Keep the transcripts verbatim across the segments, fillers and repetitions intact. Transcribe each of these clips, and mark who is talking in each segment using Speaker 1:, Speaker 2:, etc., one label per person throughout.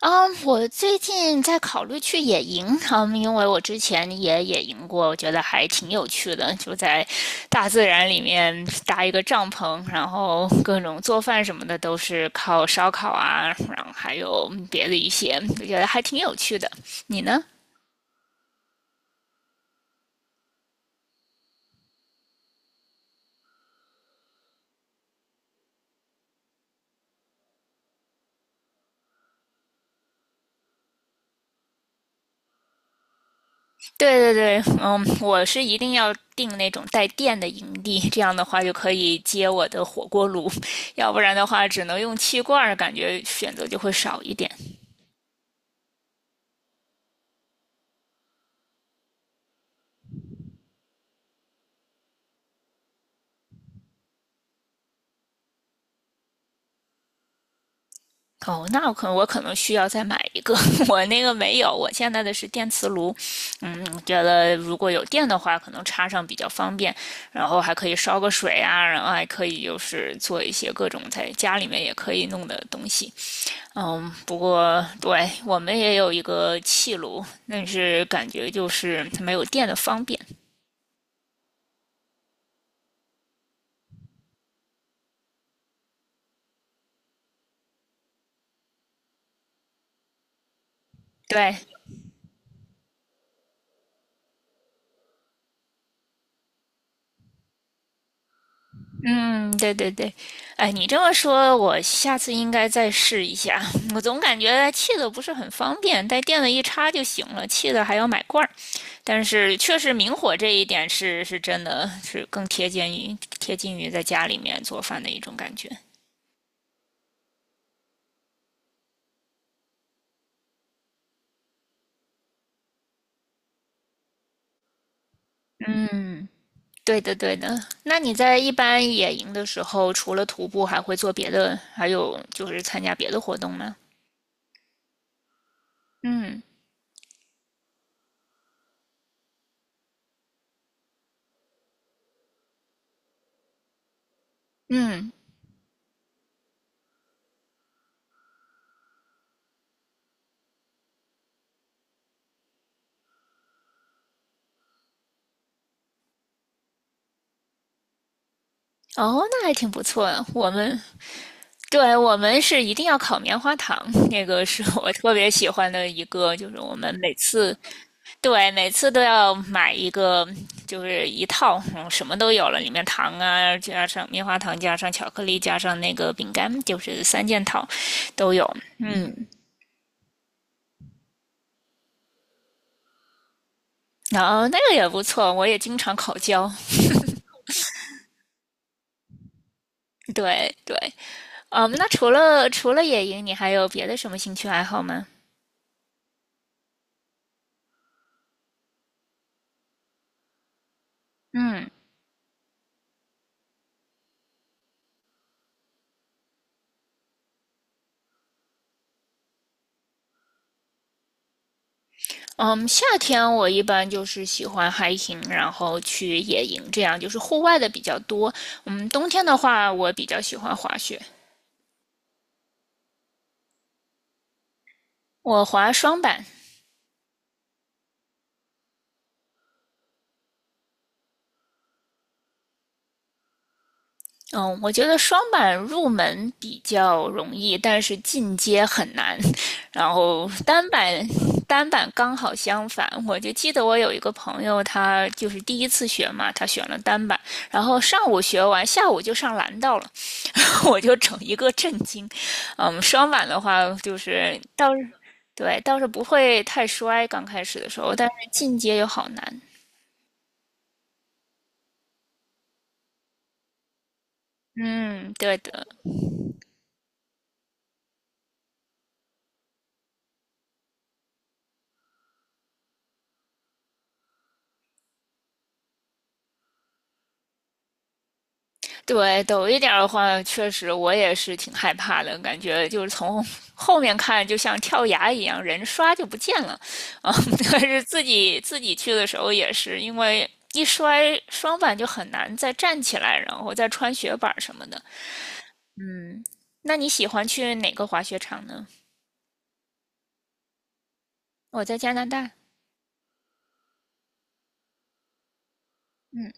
Speaker 1: 嗯，我最近在考虑去野营，嗯，因为我之前也野营过，我觉得还挺有趣的，就在大自然里面搭一个帐篷，然后各种做饭什么的都是靠烧烤啊，然后还有别的一些，我觉得还挺有趣的。你呢？对对对，嗯，我是一定要订那种带电的营地，这样的话就可以接我的火锅炉，要不然的话只能用气罐儿感觉选择就会少一点。哦，那我可能我可能需要再买一个，我那个没有，我现在的是电磁炉，嗯，觉得如果有电的话，可能插上比较方便，然后还可以烧个水啊，然后还可以就是做一些各种在家里面也可以弄的东西，嗯，不过对我们也有一个气炉，但是感觉就是它没有电的方便，对，嗯，对对对，哎，你这么说，我下次应该再试一下。我总感觉气的不是很方便，带电的一插就行了，气的还要买罐儿。但是确实明火这一点是是真的是更贴近于贴近于在家里面做饭的一种感觉。嗯，对的对的。那你在一般野营的时候，除了徒步，还会做别的，还有就是参加别的活动吗？嗯嗯。哦，那还挺不错的。我们对，我们是一定要烤棉花糖，那个是我特别喜欢的一个，就是我们每次对每次都要买一个，就是一套，嗯什么都有了，里面糖啊，加上棉花糖，加上巧克力，加上那个饼干，就是三件套都有。然后那个也不错，我也经常烤焦。对对，嗯，那除了除了野营，你还有别的什么兴趣爱好吗？嗯嗯，夏天我一般就是喜欢 hiking,然后去野营，这样就是户外的比较多。嗯，冬天的话，我比较喜欢滑雪，我滑双板。嗯，我觉得双板入门比较容易，但是进阶很难。然后单板，单板刚好相反。我就记得我有一个朋友，他就是第一次学嘛，他选了单板，然后上午学完，下午就上蓝道了。我就整一个震惊。嗯，双板的话就是倒是对倒是不会太摔，刚开始的时候，但是进阶就好难。嗯，对的，对陡一点儿的话，确实我也是挺害怕的，感觉就是从后面看就像跳崖一样，人刷就不见了。啊、嗯 但是自己自己去的时候也是，因为一摔双板就很难再站起来，然后再穿雪板什么的。那你喜欢去哪个滑雪场呢？我在加拿大。嗯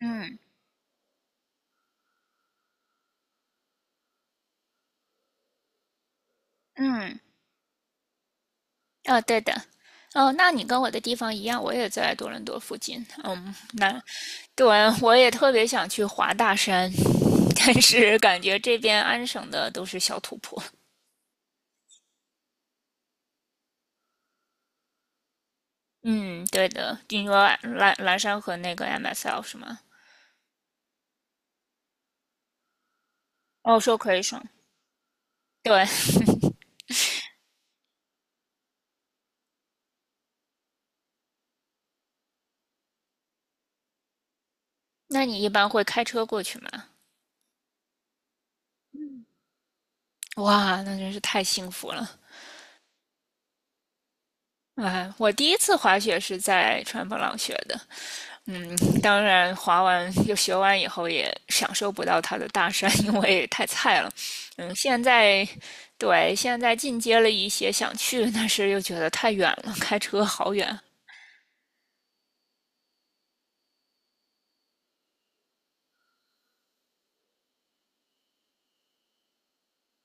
Speaker 1: 嗯嗯，哦，对的，哦，那你跟我的地方一样，我也在多伦多附近。嗯，那对，我也特别想去华大山，但是感觉这边安省的都是小土坡。嗯，对的，你说蓝蓝山和那个 M S L 是吗？哦，说可以 e 对，那你一般会开车过去吗？哇，那真是太幸福了。哎，我第一次滑雪是在川普朗学的，嗯，当然，滑完又学完以后也享受不到它的大山，因为太菜了。嗯，现在对现在进阶了一些，想去，但是又觉得太远了，开车好远。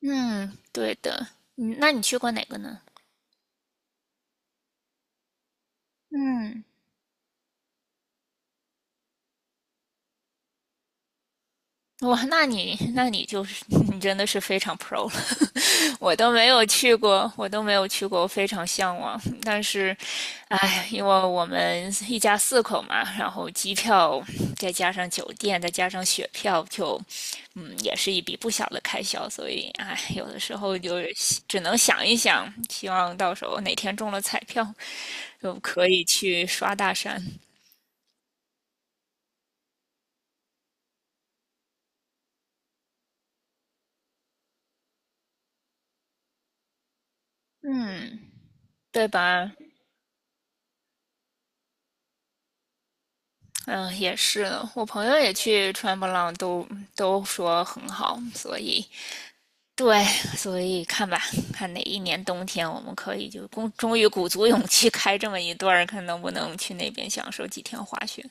Speaker 1: 嗯，对的。嗯，那你去过哪个呢？嗯。哇，那你那你就是 你真的是非常 pro 了，我都没有去过，我都没有去过，我非常向往。但是，哎，因为我们一家四口嘛，然后机票再加上酒店，再加上雪票，就嗯，也是一笔不小的开销。所以，哎，有的时候就是只能想一想，希望到时候哪天中了彩票，就可以去刷大山。嗯，对吧？嗯，也是，我朋友也去川波浪都，都说很好，所以对，所以看吧，看哪一年冬天我们可以就终终于鼓足勇气开这么一段儿，看能不能去那边享受几天滑雪。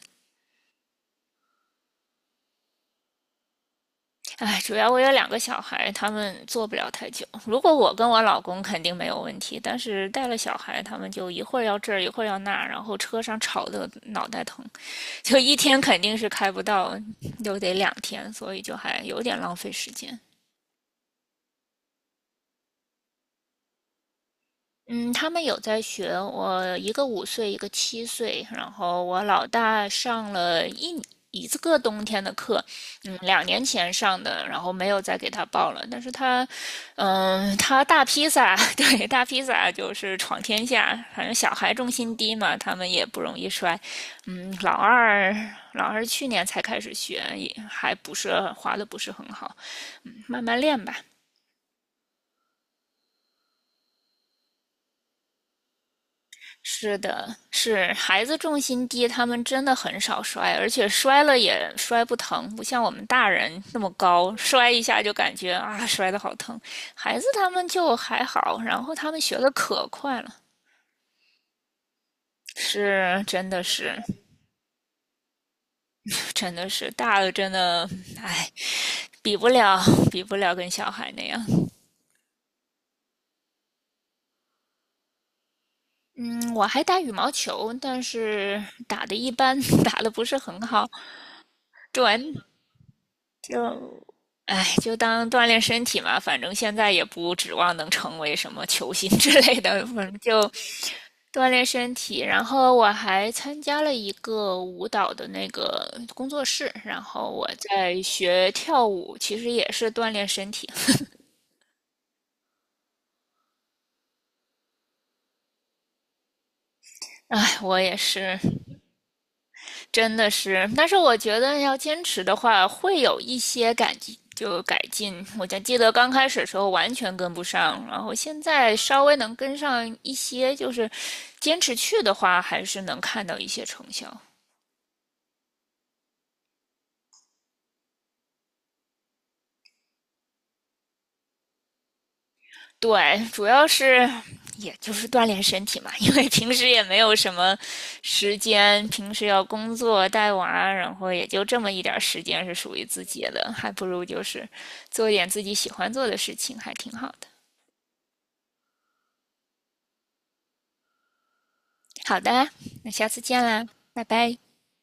Speaker 1: 哎，主要我有两个小孩，他们坐不了太久。如果我跟我老公肯定没有问题，但是带了小孩，他们就一会儿要这儿，一会儿要那儿，然后车上吵得脑袋疼，就一天肯定是开不到，又得两天，所以就还有点浪费时间。嗯，他们有在学，我一个五岁，一个七岁，然后我老大上了一一个冬天的课，嗯，两年前上的，然后没有再给他报了。但是他，嗯，他大披萨，对，大披萨就是闯天下，反正小孩重心低嘛，他们也不容易摔。嗯，老二，老二去年才开始学，也还不是滑的不是很好，嗯，慢慢练吧。是的，是孩子重心低，他们真的很少摔，而且摔了也摔不疼，不像我们大人那么高，摔一下就感觉啊摔得好疼。孩子他们就还好，然后他们学的可快了，是真的是真的是大了真的，哎，比不了比不了跟小孩那样。嗯，我还打羽毛球，但是打的一般，打的不是很好。对，就哎，就当锻炼身体嘛，反正现在也不指望能成为什么球星之类的，反正就锻炼身体。然后我还参加了一个舞蹈的那个工作室，然后我在学跳舞，其实也是锻炼身体。哎，我也是真的是，但是我觉得要坚持的话，会有一些改进，就改进。我就记得刚开始的时候完全跟不上，然后现在稍微能跟上一些，就是坚持去的话，还是能看到一些成效。对，主要是也就是锻炼身体嘛，因为平时也没有什么时间，平时要工作带娃，然后也就这么一点儿时间是属于自己的，还不如就是做一点自己喜欢做的事情，还挺好的。好的，那下次见啦，拜拜。